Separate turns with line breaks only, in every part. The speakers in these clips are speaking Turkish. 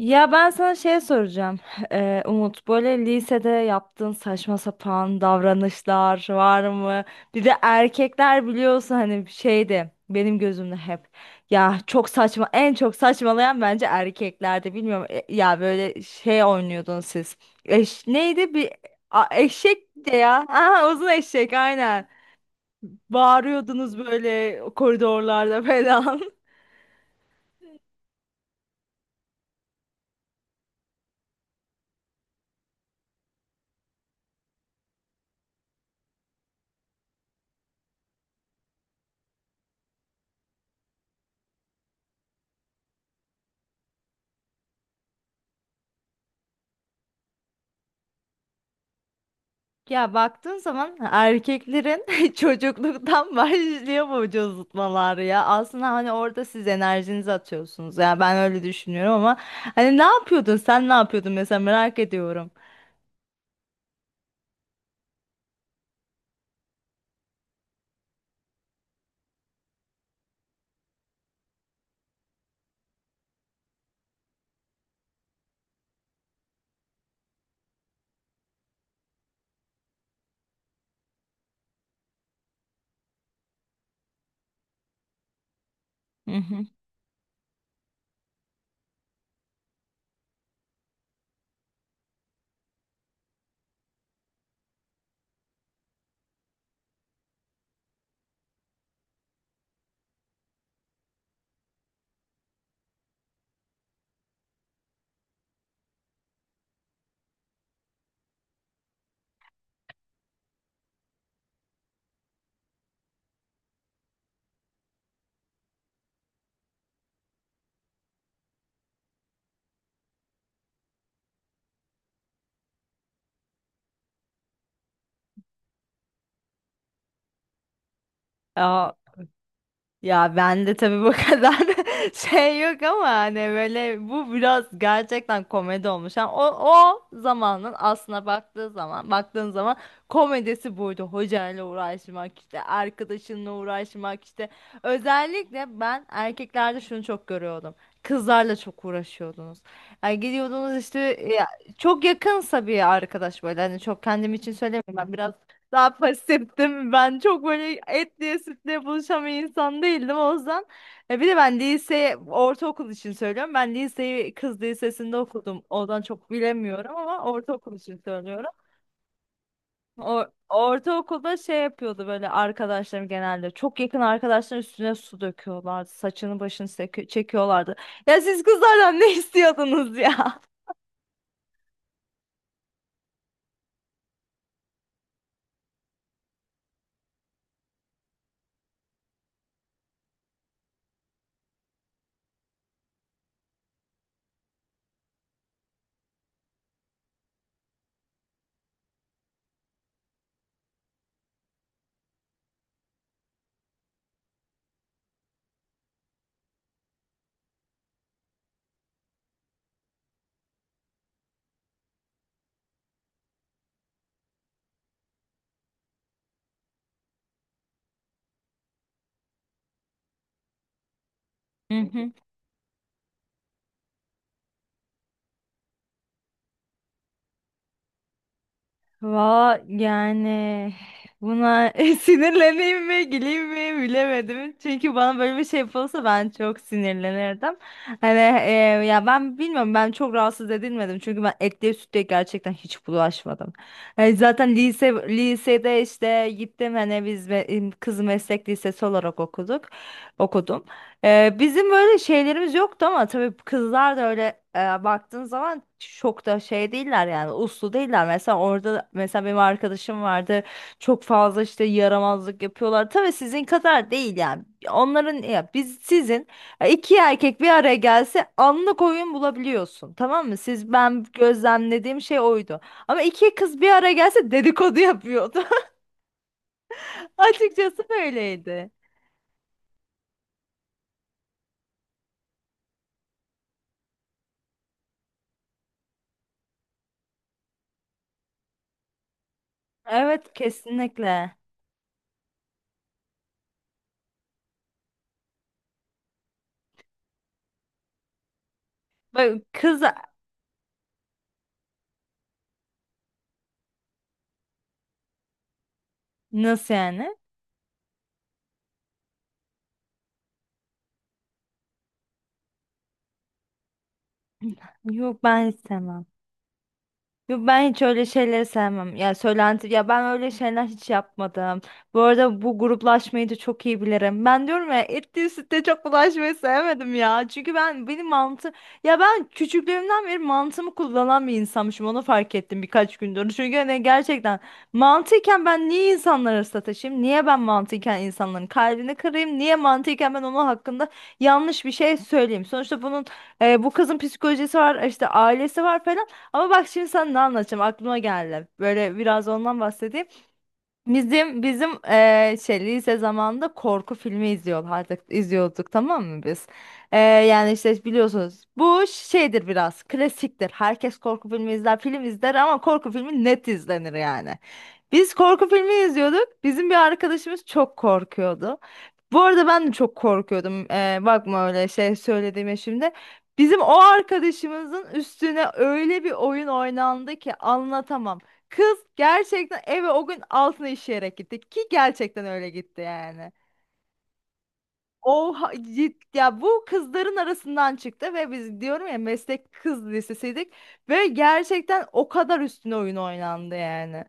Ya ben sana şey soracağım. Umut böyle lisede yaptığın saçma sapan davranışlar var mı? Bir de erkekler biliyorsun hani şeydi benim gözümde hep. Ya çok saçma en çok saçmalayan bence erkeklerde bilmiyorum. Ya böyle şey oynuyordun siz. Neydi bir eşek de ya. Aha, uzun eşek aynen. Bağırıyordunuz böyle koridorlarda falan. Ya baktığın zaman erkeklerin çocukluktan başlıyor bu vücutmalar ya. Aslında hani orada siz enerjinizi atıyorsunuz. Ya ben öyle düşünüyorum ama hani ne yapıyordun? Sen ne yapıyordun mesela merak ediyorum. Hı hı. Ya ben de tabii bu kadar şey yok ama hani böyle bu biraz gerçekten komedi olmuş. Yani o zamanın aslına baktığı zaman baktığın zaman komedisi buydu. Hocayla uğraşmak işte arkadaşınla uğraşmak işte. Özellikle ben erkeklerde şunu çok görüyordum. Kızlarla çok uğraşıyordunuz. Yani gidiyordunuz işte ya, çok yakınsa bir arkadaş böyle hani çok kendim için söylemiyorum ben biraz daha pasiftim. Ben çok böyle et diye sütle buluşan bir insan değildim o yüzden. E, bir de ben lise, ortaokul için söylüyorum. Ben liseyi kız lisesinde okudum. Oradan çok bilemiyorum ama ortaokul için söylüyorum. Ortaokulda şey yapıyordu böyle arkadaşlarım genelde. Çok yakın arkadaşların üstüne su döküyorlardı. Saçını başını çekiyorlardı. Ya siz kızlardan ne istiyordunuz ya? Va yani buna sinirleneyim mi güleyim mi bilemedim. Çünkü bana böyle bir şey yapılsa ben çok sinirlenirdim. Hani e, ya ben bilmiyorum ben çok rahatsız edilmedim. Çünkü ben etliye sütlüye gerçekten hiç bulaşmadım. Yani zaten lisede işte gittim hani biz kız meslek lisesi olarak okuduk. Okudum. Bizim böyle şeylerimiz yoktu ama tabii kızlar da öyle baktığın zaman çok da şey değiller yani uslu değiller. Mesela benim arkadaşım vardı çok fazla işte yaramazlık yapıyorlar. Tabii sizin kadar değil yani. Onların ya biz sizin iki erkek bir araya gelse anlık oyun bulabiliyorsun tamam mı? Siz ben gözlemlediğim şey oydu. Ama iki kız bir araya gelse dedikodu yapıyordu. Açıkçası böyleydi. Evet, kesinlikle. Bak kız. Nasıl yani? Yok, ben istemem. Yo, ben hiç öyle şeyleri sevmem. Ya söylenti ya ben öyle şeyler hiç yapmadım. Bu arada bu gruplaşmayı da çok iyi bilirim. Ben diyorum ya etli sütte çok bulaşmayı sevmedim ya. Çünkü ben benim mantı ya ben küçüklüğümden beri mantımı kullanan bir insanmışım. Onu fark ettim birkaç gündür. Çünkü hani gerçekten mantıyken ben niye insanları sataşayım? Niye ben mantıyken insanların kalbini kırayım? Niye mantıyken ben onun hakkında yanlış bir şey söyleyeyim? Sonuçta bunun bu kızın psikolojisi var, işte ailesi var falan. Ama bak şimdi sana ne anlatacağım aklıma geldi. Böyle biraz ondan bahsedeyim. Bizim şey lise zamanında korku filmi izliyorlardı, izliyorduk tamam mı biz? Yani işte biliyorsunuz bu şeydir biraz klasiktir. Herkes korku filmi izler, film izler ama korku filmi net izlenir yani. Biz korku filmi izliyorduk. Bizim bir arkadaşımız çok korkuyordu. Bu arada ben de çok korkuyordum. Bakma öyle şey söylediğime şimdi. Bizim o arkadaşımızın üstüne öyle bir oyun oynandı ki anlatamam. Kız gerçekten eve o gün altını işeyerek gitti ki gerçekten öyle gitti yani. Ya bu kızların arasından çıktı ve biz diyorum ya meslek kız lisesiydik ve gerçekten o kadar üstüne oyun oynandı yani.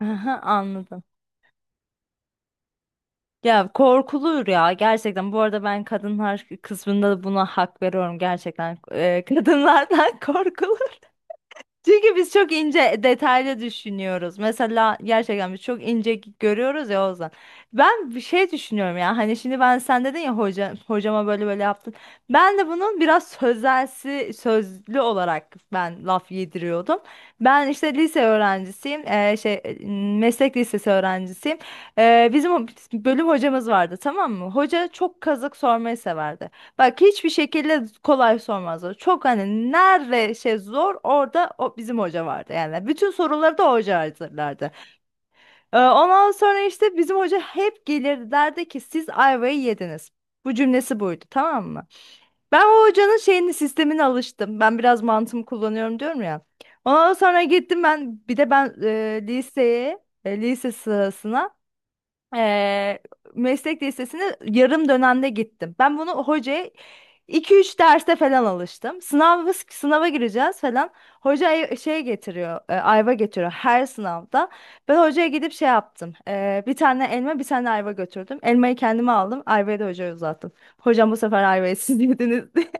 Aha, anladım. Ya korkulur ya gerçekten. Bu arada ben kadınlar kısmında da buna hak veriyorum gerçekten. Kadınlardan korkulur. Çünkü biz çok ince detaylı düşünüyoruz. Mesela gerçekten biz çok ince görüyoruz ya Ozan. Ben bir şey düşünüyorum ya. Hani şimdi ben sen dedin ya hoca, hocama böyle böyle yaptın. Ben de bunun biraz sözelsi, sözlü olarak ben laf yediriyordum. Ben işte lise öğrencisiyim. Şey meslek lisesi öğrencisiyim. Bizim bölüm hocamız vardı tamam mı? Hoca çok kazık sormayı severdi. Bak hiçbir şekilde kolay sormazdı. Çok hani nerede şey zor orada o bizim hoca vardı. Yani bütün soruları da hoca hazırlardı. Ondan sonra işte bizim hoca hep gelirdi derdi ki siz ayvayı yediniz. Bu cümlesi buydu tamam mı? Ben o hocanın şeyini sistemine alıştım. Ben biraz mantığımı kullanıyorum diyorum ya. Ondan sonra gittim ben bir de ben liseye e, lise sırasına Eee, meslek lisesine yarım dönemde gittim. Ben bunu hocaya 2-3 derste falan alıştım. Sınava gireceğiz falan. Hoca şey getiriyor, ayva getiriyor her sınavda. Ben hocaya gidip şey yaptım. Bir tane elma, bir tane ayva götürdüm. Elmayı kendime aldım, ayvayı da hocaya uzattım. Hocam bu sefer ayvayı siz yediniz diye.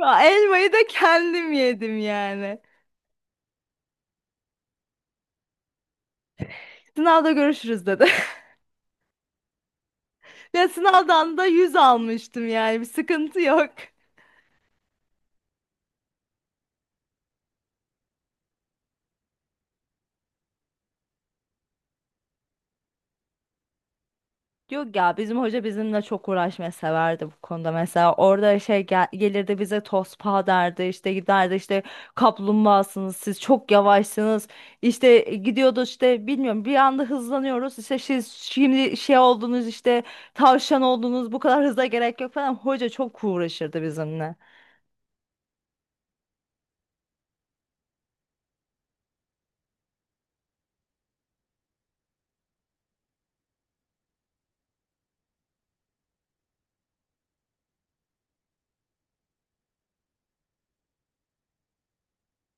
Elmayı da kendim yedim yani. Sınavda görüşürüz dedi. Ya sınavdan da 100 almıştım yani bir sıkıntı yok. Yok ya bizim hoca bizimle çok uğraşmayı severdi bu konuda mesela orada şey gelirdi bize tospa derdi işte giderdi işte kaplumbağasınız siz çok yavaşsınız işte gidiyordu işte bilmiyorum bir anda hızlanıyoruz işte siz şimdi şey oldunuz işte tavşan oldunuz bu kadar hıza gerek yok falan hoca çok uğraşırdı bizimle.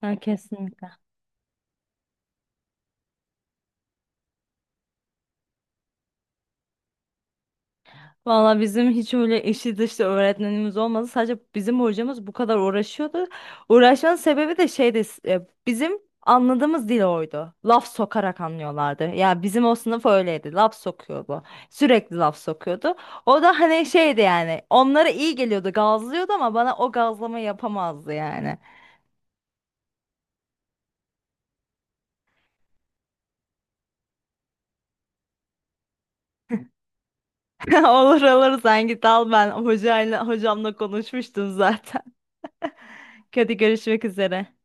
Ha, kesinlikle. Valla bizim hiç öyle eşi dışlı öğretmenimiz olmadı. Sadece bizim hocamız bu kadar uğraşıyordu. Uğraşmanın sebebi de şeydi. Bizim anladığımız dil oydu. Laf sokarak anlıyorlardı. Ya bizim o sınıf öyleydi. Laf sokuyordu. Sürekli laf sokuyordu. O da hani şeydi yani. Onlara iyi geliyordu, gazlıyordu ama bana o gazlama yapamazdı yani. Olur olur sen git al ben hocamla konuşmuştum zaten. Hadi görüşmek üzere.